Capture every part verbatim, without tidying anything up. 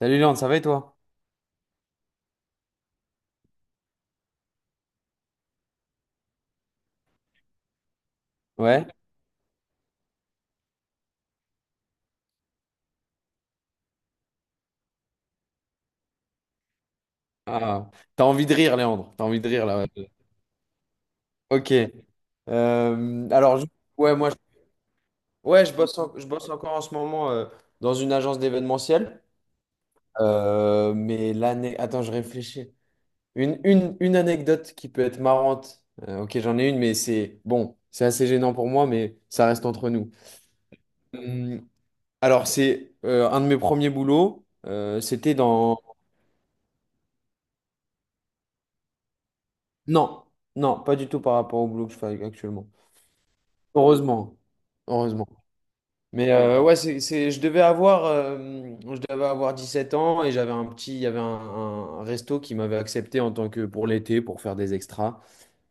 Salut Léandre, ça va et toi? Ouais? Ah, t'as envie de rire, Léandre. T'as envie de rire là. ouais. Ok. Euh, alors, je- ouais, moi, je... Ouais, je bosse, en- je bosse encore en ce moment euh, dans une agence d'événementiel. Euh, mais l'année, attends, je réfléchis. Une, une, une anecdote qui peut être marrante. Euh, ok, j'en ai une, mais c'est bon, c'est assez gênant pour moi, mais ça reste entre nous. Hum, alors, c'est euh, un de mes premiers boulots. Euh, c'était dans. Non, non, pas du tout par rapport au boulot que je fais actuellement. Heureusement. Heureusement. Mais euh, ouais, c'est, c'est- je devais avoir, euh, je devais avoir dix-sept ans et j'avais un petit, il y avait un, un resto qui m'avait accepté en tant que pour l'été pour faire des extras.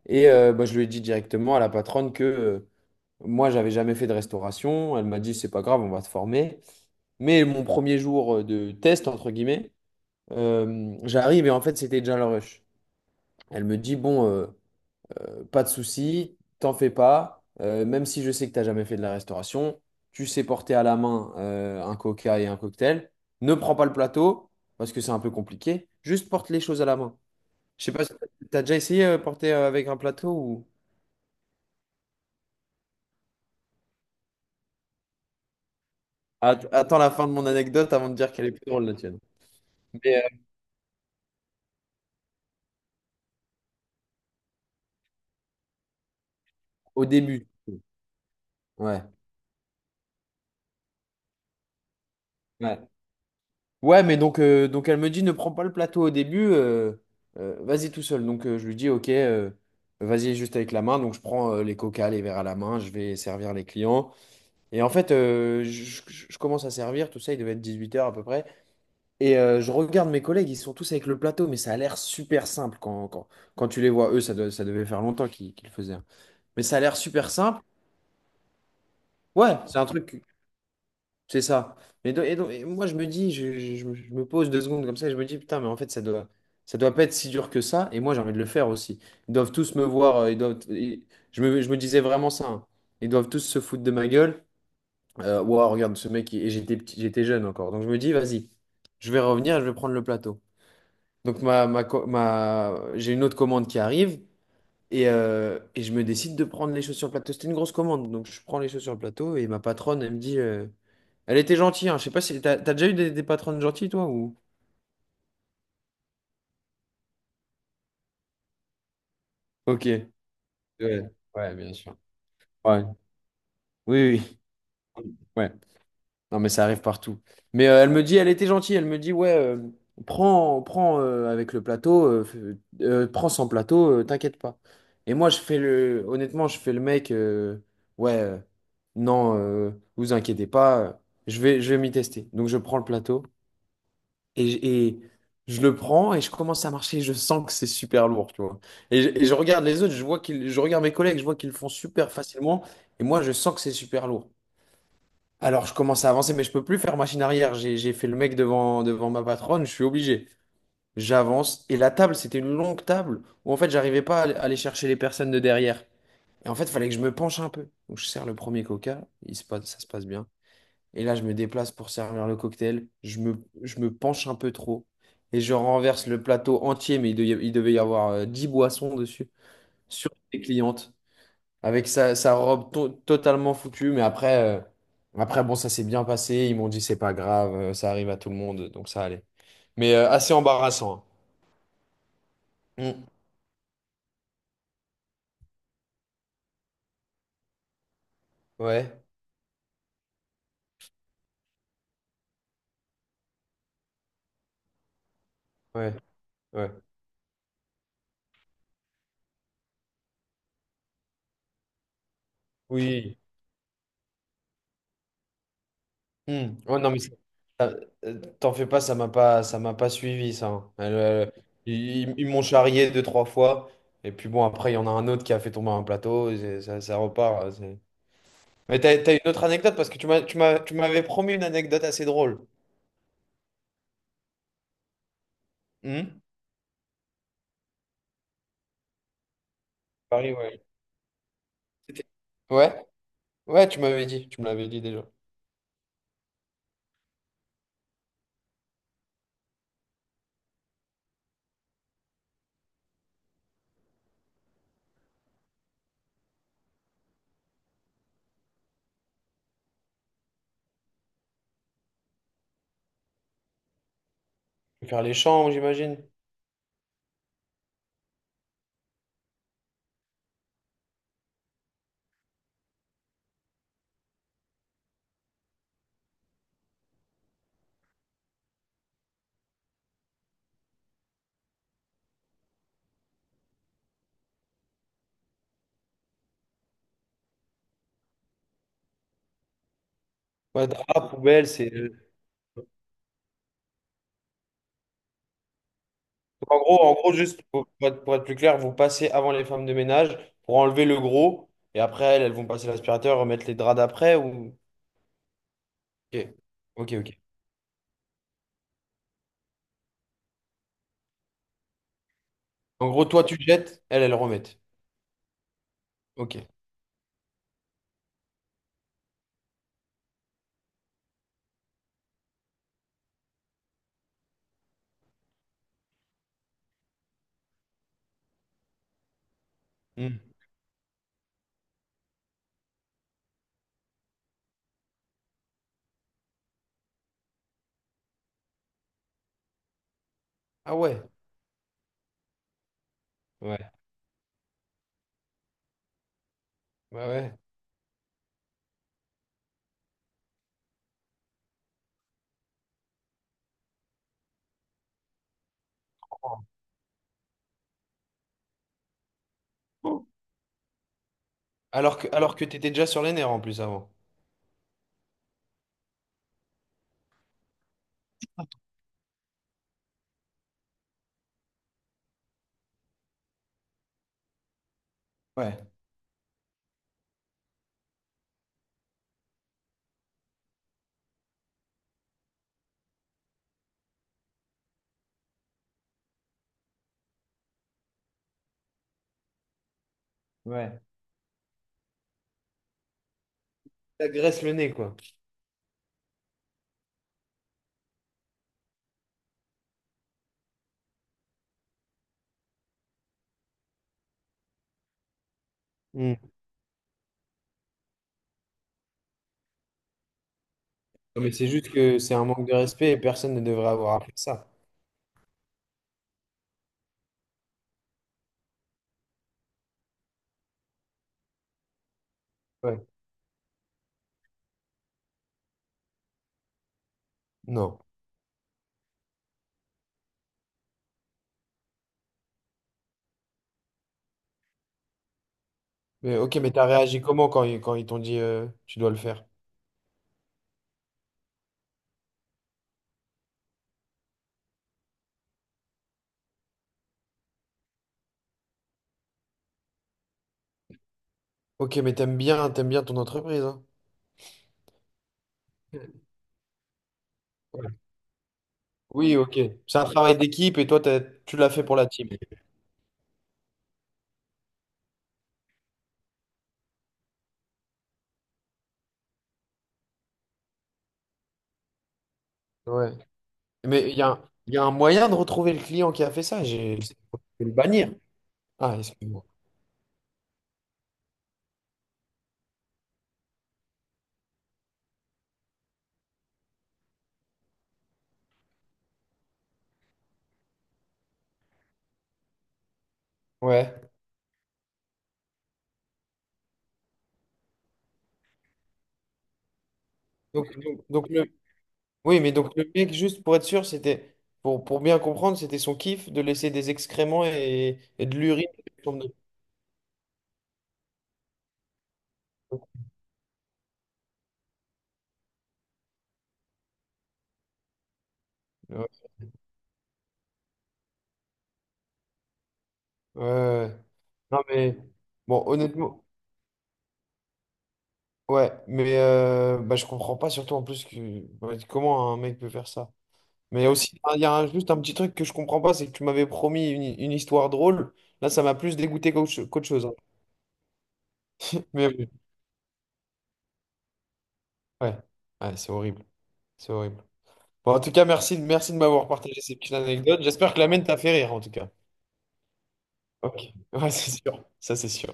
Et euh, bah, je lui ai dit directement à la patronne que euh, moi, j'avais jamais fait de restauration. Elle m'a dit, c'est pas grave, on va te former. Mais mon premier jour euh, de test, entre guillemets, euh, j'arrive et en fait, c'était déjà le rush. Elle me dit, bon. euh, Pas de souci, t'en fais pas. Euh, même si je sais que t'as jamais fait de la restauration, tu sais porter à la main euh, un coca et un cocktail. Ne prends pas le plateau parce que c'est un peu compliqué. Juste porte les choses à la main. Je sais pas, si t'as déjà essayé euh, porter euh, avec un plateau ou Att- Attends la fin de mon anecdote avant de dire qu'elle est plus drôle la tienne. Mais euh, au début, ouais, ouais. Ouais, mais donc, euh, donc elle me dit ne prends pas le plateau au début, euh, euh, vas-y tout seul. Donc euh, je lui dis ok, euh, vas-y juste avec la main. Donc je prends euh, les coca, les verres à la main, je vais servir les clients. Et en fait, euh, je, je- je commence à servir, tout ça, il devait être 18 heures à peu près. Et euh, je regarde mes collègues, ils sont tous avec le plateau, mais ça a l'air super simple quand, quand, quand tu les vois. Eux, ça, doit- ça devait faire longtemps qu'ils qu'ils le faisaient, hein. Mais ça a l'air super simple. Ouais, c'est un truc. C'est ça. Mais do- et donc- et moi, je me dis, je, je- je me je me pose deux secondes comme ça et je me dis, putain, mais en fait, ça doit, ça doit pas être si dur que ça. Et moi, j'ai envie de le faire aussi. Ils doivent tous me voir. euh, Ils doivent, ils- je me, je me disais vraiment ça, hein. Ils doivent tous se foutre de ma gueule. Euh, Ouah, regarde ce mec. il- Et j'étais petit, j'étais jeune encore. Donc, je me dis, vas-y, je vais revenir et je vais prendre le plateau. Donc, ma, ma, co- ma, j'ai une autre commande qui arrive. Et, euh, et je me décide de prendre les choses sur le plateau. C'était une grosse commande. Donc, je prends les choses sur le plateau et ma patronne, elle me dit. euh, elle était gentille, hein. Je sais pas si t'as t'as déjà eu des, des patronnes gentilles, toi, ou... Ok. Ouais, ouais, bien sûr. Ouais. Oui, oui. oui. Ouais. Non, mais ça arrive partout. Mais euh, elle me dit, elle était gentille. Elle me dit, ouais, euh, prends, prends euh, avec le plateau, euh, f- euh, prends sans plateau, euh, t'inquiète pas. Et moi, je fais le, honnêtement, je fais le mec, euh, ouais, euh, non, euh, vous inquiétez pas, euh, je vais, je vais m'y tester. Donc, je prends le plateau. Et, j- et je le prends et je commence à marcher. Je sens que c'est super lourd, tu vois. Et, je et je regarde les autres, je vois qu'ils, je regarde mes collègues, je vois qu'ils le font super facilement. Et moi, je sens que c'est super lourd. Alors, je commence à avancer, mais je peux plus faire machine arrière. J'ai, j'ai fait le mec devant, devant ma patronne, je suis obligé. J'avance. Et la table, c'était une longue table où en fait, j'arrivais pas à aller à aller chercher les personnes de derrière. Et en fait, il fallait que je me penche un peu. Donc, je sers le premier coca, il se passe, ça se passe bien. Et là, je me déplace pour servir le cocktail. Je me, je me penche un peu trop. Et je renverse le plateau entier, mais il, de- il devait y avoir euh, dix boissons dessus, sur les clientes, avec sa, sa robe to- totalement foutue. Mais après, euh, après, bon, ça s'est bien passé. Ils m'ont dit, c'est pas grave, euh, ça arrive à tout le monde, donc ça allait. Mais euh, assez embarrassant, hein. Mm. Ouais, ouais, ouais. Oui. Hmm. Ouais, non, mais ça- ça- euh, t'en fais pas, ça m'a pas, ça m'a pas suivi, ça, hein. Elle, euh, ils ils m'ont charrié deux, trois fois. Et puis bon, après, il y en a un autre qui a fait tomber un plateau. et c'est- ça, ça repart. euh, c'est- Mais t'as, t'as une autre anecdote parce que tu m'as, tu m'as, tu m'avais promis une anecdote assez drôle. Hmm. Paris, ouais. C'était- Ouais, ouais, tu m'avais dit. Tu me l'avais dit déjà. Faire les champs, j'imagine. Ouais, drap, poubelle, c'est. euh, En gros, en gros, juste pour, pour être, pour être plus clair, vous passez avant les femmes de ménage pour enlever le gros, et après, elles, elles vont passer l'aspirateur, remettre les draps d'après ou... Ok, ok, ok. En gros, toi, tu jettes, elles, elles remettent. Ok. Hmm. Ah ouais, ouais, ouais, ouais. Oh. Alors que, alors que t'étais déjà sur les nerfs en plus avant. Ouais, ouais. T'agresses le nez, quoi. Hmm. Non, mais c'est juste que c'est un manque de respect et personne ne devrait avoir à faire ça. Ouais. Non. Mais, ok, mais t'as réagi comment quand, ils quand ils t'ont dit euh, tu dois le faire? Ok, mais t'aimes bien, t'aimes bien ton entreprise, hein. Ouais. Ouais. Oui, ok. C'est un travail d'équipe et toi, t'as- tu l'as fait pour la team. Ouais. Mais il y a, il y a un moyen de retrouver le client qui a fait ça. J'ai, je peux le bannir. Ah, excuse-moi. Ouais. Donc, donc, donc le... Oui, mais donc le mec, juste pour être sûr, c'était, pour, pour bien comprendre, c'était son kiff de laisser des excréments et, et de l'urine. Ouais. Ouais. ouais. Non, mais bon, honnêtement. Ouais, mais euh, bah, je comprends pas, surtout en plus que ouais, comment un mec peut faire ça. Mais aussi, enfin, il y a un- juste un petit truc que je comprends pas, c'est que tu m'avais promis une, une histoire drôle. Là, ça m'a plus dégoûté qu'autre qu'autre chose, hein. Mais oui, ouais, ouais, c'est horrible, c'est horrible. Bon, en tout cas, merci, merci de m'avoir partagé ces petites anecdotes. J'espère que la mienne t'a fait rire, en tout cas. Ok, ouais, c'est sûr, ça c'est sûr.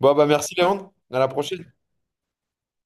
Bon, bah merci Léandre, à la prochaine.